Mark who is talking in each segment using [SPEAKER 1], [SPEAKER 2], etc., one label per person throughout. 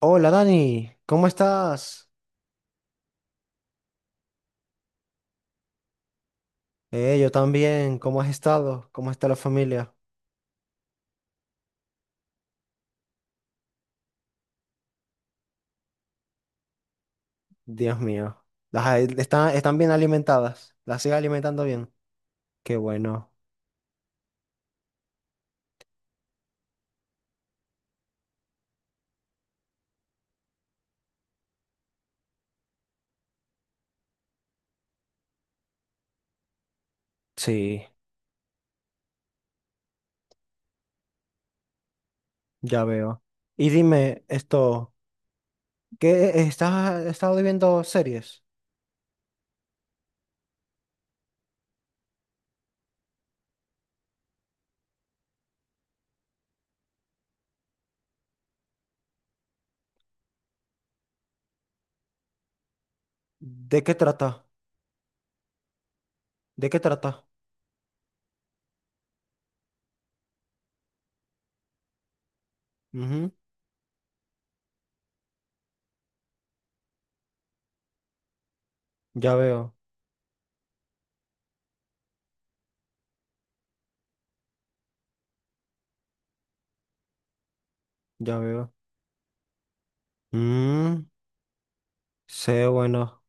[SPEAKER 1] Hola Dani, ¿cómo estás? Yo también, ¿cómo has estado? ¿Cómo está la familia? Dios mío. Están bien alimentadas, las sigue alimentando bien. Qué bueno. Sí, ya veo. Y dime esto, ¿qué estado viendo series? ¿De qué trata? ¿De qué trata? Ujú. Ya veo, ya veo. Mm, sé, bueno,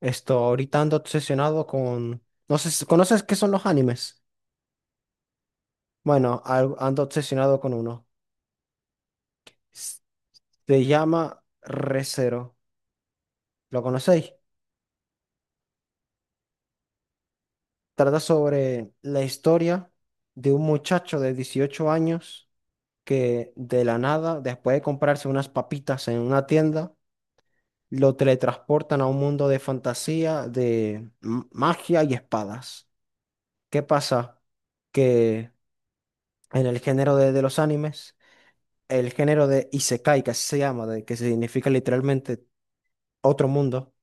[SPEAKER 1] esto, ahorita ando obsesionado con. No sé, ¿conoces qué son los animes? Bueno, ando obsesionado con uno. S- Se llama Re:Zero. ¿Lo conocéis? Trata sobre la historia de un muchacho de 18 años que de la nada, después de comprarse unas papitas en una tienda, lo teletransportan a un mundo de fantasía, de magia y espadas. ¿Qué pasa? Que en el género de los animes, el género de Isekai, que así se llama, que significa literalmente otro mundo.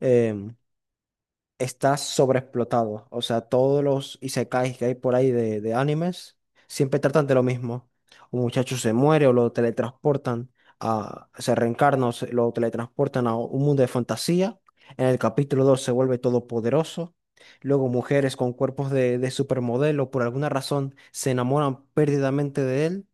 [SPEAKER 1] em, Está sobreexplotado. O sea, todos los isekais que hay por ahí de animes siempre tratan de lo mismo. Un muchacho se muere o lo teletransportan se reencarna o lo teletransportan a un mundo de fantasía. En el capítulo 2 se vuelve todopoderoso. Luego mujeres con cuerpos de supermodelo por alguna razón se enamoran perdidamente de él,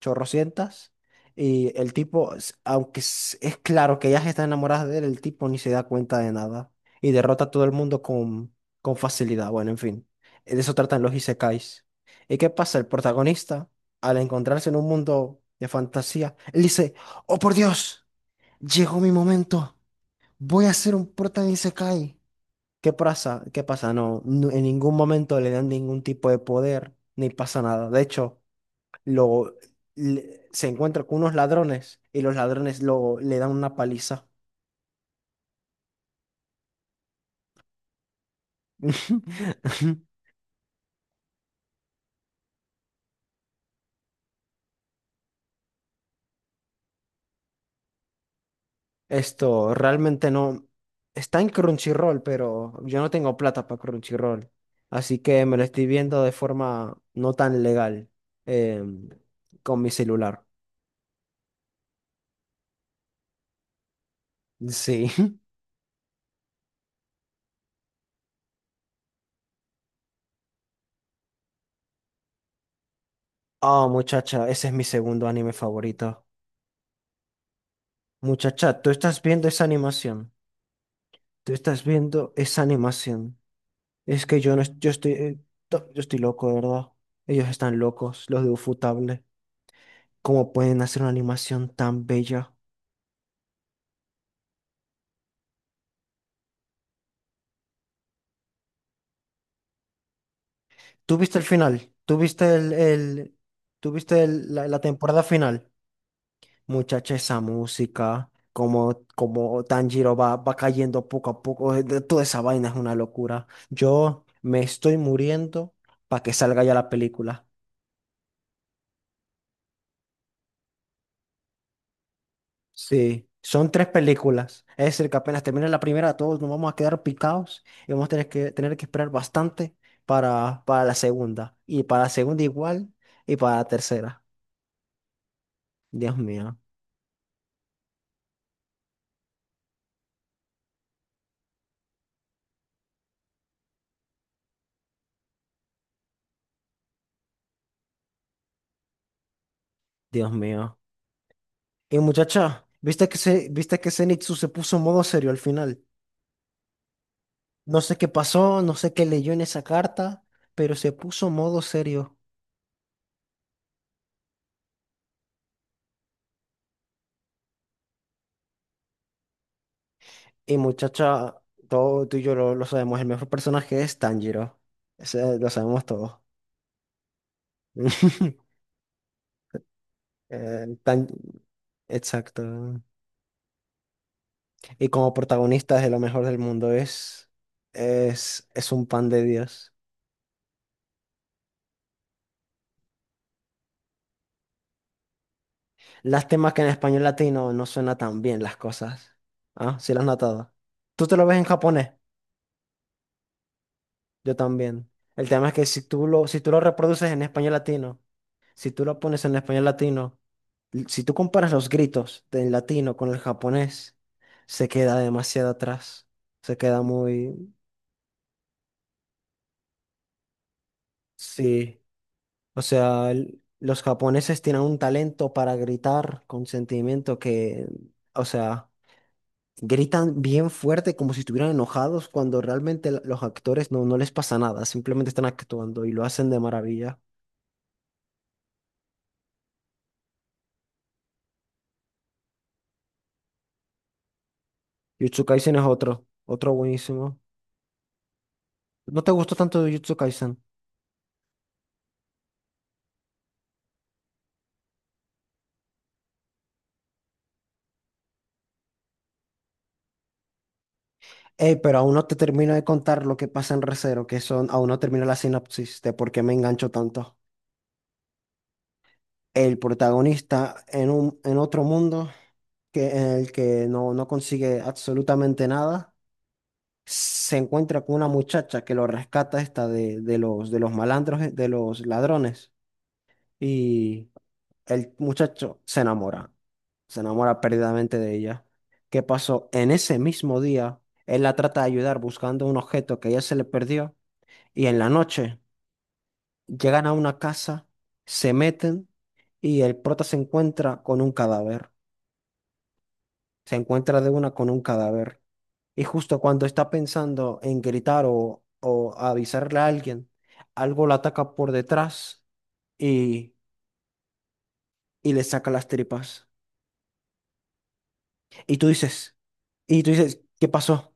[SPEAKER 1] chorrocientas. Y el tipo, aunque es claro que ellas están enamoradas de él, el tipo ni se da cuenta de nada y derrota a todo el mundo con facilidad. Bueno, en fin, de eso tratan los isekais. ¿Y qué pasa? El protagonista, al encontrarse en un mundo de fantasía, él dice, oh por Dios, llegó mi momento, voy a ser un prota isekai. ¿Qué pasa? ¿Qué pasa? No, no, en ningún momento le dan ningún tipo de poder, ni pasa nada. De hecho, lo, se encuentra con unos ladrones y los ladrones luego le dan una paliza. Esto realmente no está en Crunchyroll, pero yo no tengo plata para Crunchyroll, así que me lo estoy viendo de forma no tan legal em, con mi celular. Sí. Oh, muchacha, ese es mi segundo anime favorito. Muchacha, tú estás viendo esa animación. Tú estás viendo esa animación. Es que yo no, es- yo estoy loco, de verdad. Ellos están locos, los de Ufotable. ¿Cómo pueden hacer una animación tan bella? ¿Tú viste el final? ¿Tú viste la temporada final? Muchacha, esa música, como Tanjiro va cayendo poco a poco, toda esa vaina es una locura. Yo me estoy muriendo para que salga ya la película. Sí, son tres películas. Es decir, que apenas termine la primera, todos nos vamos a quedar picados y vamos a tener que esperar bastante para la segunda. Y para la segunda igual, y para la tercera. Dios mío, Dios mío. Y muchacha, ¿viste que Zenitsu se puso en modo serio al final? No sé qué pasó, no sé qué leyó en esa carta, pero se puso en modo serio. Y muchacha, todo tú y yo lo sabemos, el mejor personaje es Tanjiro. Ese lo sabemos todos. Eh, Tan- Exacto. Y como protagonista de lo mejor del mundo es un pan de Dios. Lástima que en español latino no suena tan bien las cosas. Ah, sí las has notado. ¿Tú te lo ves en japonés? Yo también. El tema es que si tú lo reproduces en español latino, si tú lo pones en español latino, si tú comparas los gritos del latino con el japonés, se queda demasiado atrás. Se queda muy. Sí. O sea, los japoneses tienen un talento para gritar con sentimiento que, o sea, gritan bien fuerte como si estuvieran enojados cuando realmente los actores no, no les pasa nada, simplemente están actuando y lo hacen de maravilla. Jujutsu Kaisen es otro, otro buenísimo. ¿No te gustó tanto Jujutsu Kaisen? Ey, pero aún no te termino de contar lo que pasa en Re:Zero, aún no termino la sinopsis de por qué me engancho tanto. El protagonista en otro mundo en el que no, no consigue absolutamente nada, se encuentra con una muchacha que lo rescata esta de los malandros, de los ladrones. Y el muchacho se enamora perdidamente de ella. ¿Qué pasó? En ese mismo día, él la trata de ayudar buscando un objeto que a ella se le perdió y en la noche llegan a una casa, se meten y el prota se encuentra con un cadáver. Se encuentra de una con un cadáver. Y justo cuando está pensando en gritar o avisarle a alguien, algo la ataca por detrás y, y le saca las tripas. Y tú dices, y tú dices, ¿qué pasó?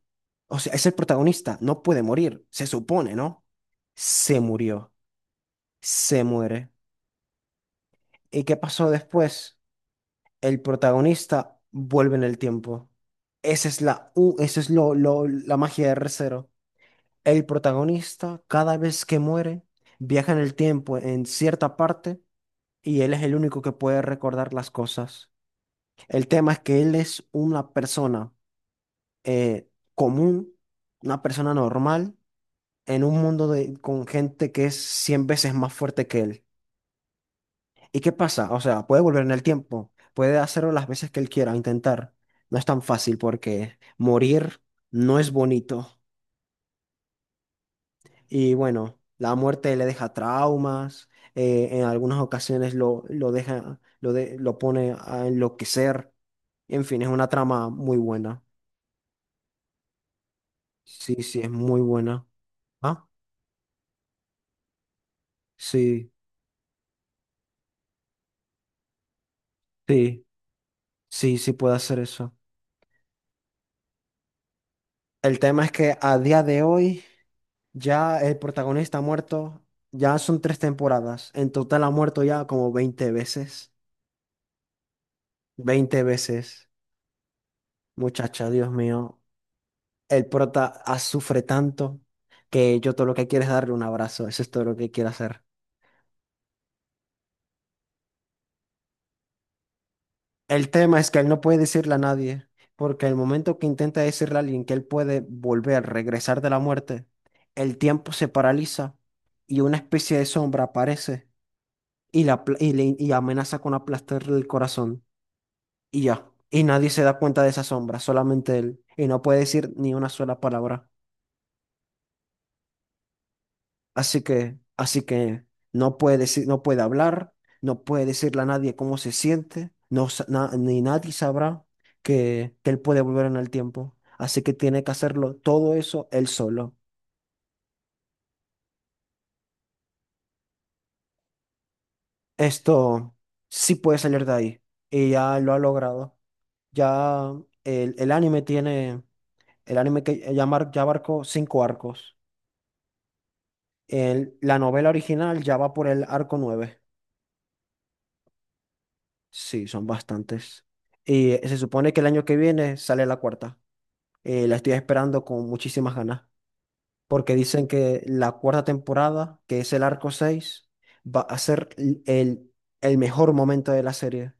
[SPEAKER 1] O sea, es el protagonista, no puede morir, se supone, ¿no? Se murió, se muere. ¿Y qué pasó después? El protagonista vuelve en el tiempo. Esa es la, u- esa es lo- la magia de r cero. El protagonista, cada vez que muere, viaja en el tiempo en cierta parte y él es el único que puede recordar las cosas. El tema es que él es una persona eh, común, una persona normal, en un mundo con gente que es 100 veces más fuerte que él. ¿Y qué pasa? O sea, puede volver en el tiempo, puede hacerlo las veces que él quiera, intentar. No es tan fácil porque morir no es bonito. Y bueno, la muerte le deja traumas, en algunas ocasiones lo deja, lo pone a enloquecer. En fin, es una trama muy buena. Sí, sí, es muy buena. ¿Ah? Sí, sí. Sí, sí puede hacer eso. El tema es que a día de hoy ya el protagonista ha muerto, ya son tres temporadas. En total ha muerto ya como 20 veces. 20 veces. Muchacha, Dios mío. El prota sufre tanto que yo todo lo que quiero es darle un abrazo. Eso es todo lo que quiero hacer. El tema es que él no puede decirle a nadie, porque el momento que intenta decirle a alguien que él puede volver, regresar de la muerte, el tiempo se paraliza y una especie de sombra aparece y amenaza con aplastarle el corazón y ya. Y nadie se da cuenta de esa sombra, solamente él. Y no puede decir ni una sola palabra. Así que no puede decir, no puede hablar, no puede decirle a nadie cómo se siente, ni nadie sabrá que él puede volver en el tiempo. Así que tiene que hacerlo todo eso él solo. Esto sí puede salir de ahí. Y ya lo ha logrado. Ya el anime tiene. El anime que ya abarcó cinco arcos. La novela original ya va por el arco nueve. Sí, son bastantes. Y se supone que el año que viene sale la cuarta. La estoy esperando con muchísimas ganas. Porque dicen que la cuarta temporada, que es el arco 6, va a ser el mejor momento de la serie.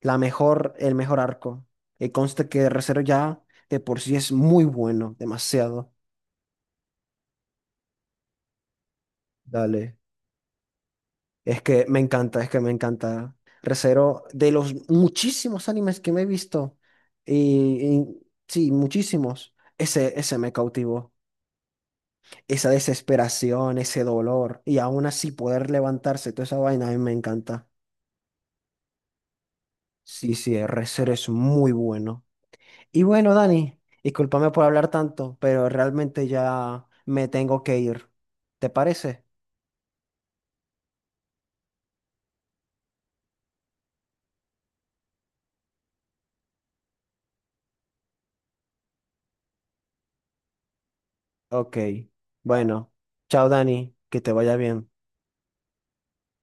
[SPEAKER 1] La mejor, el mejor arco. Y conste que Re:Zero ya de por sí es muy bueno, demasiado. Dale. Es que me encanta, es que me encanta. Re:Zero, de los muchísimos animes que me he visto, y sí, muchísimos, ese me cautivó. Esa desesperación, ese dolor, y aún así poder levantarse, toda esa vaina, a mí me encanta. Sí, sí, Re:Zero es muy bueno. Y bueno, Dani, discúlpame por hablar tanto, pero realmente ya me tengo que ir. ¿Te parece? Ok. Bueno, chao, Dani, que te vaya bien.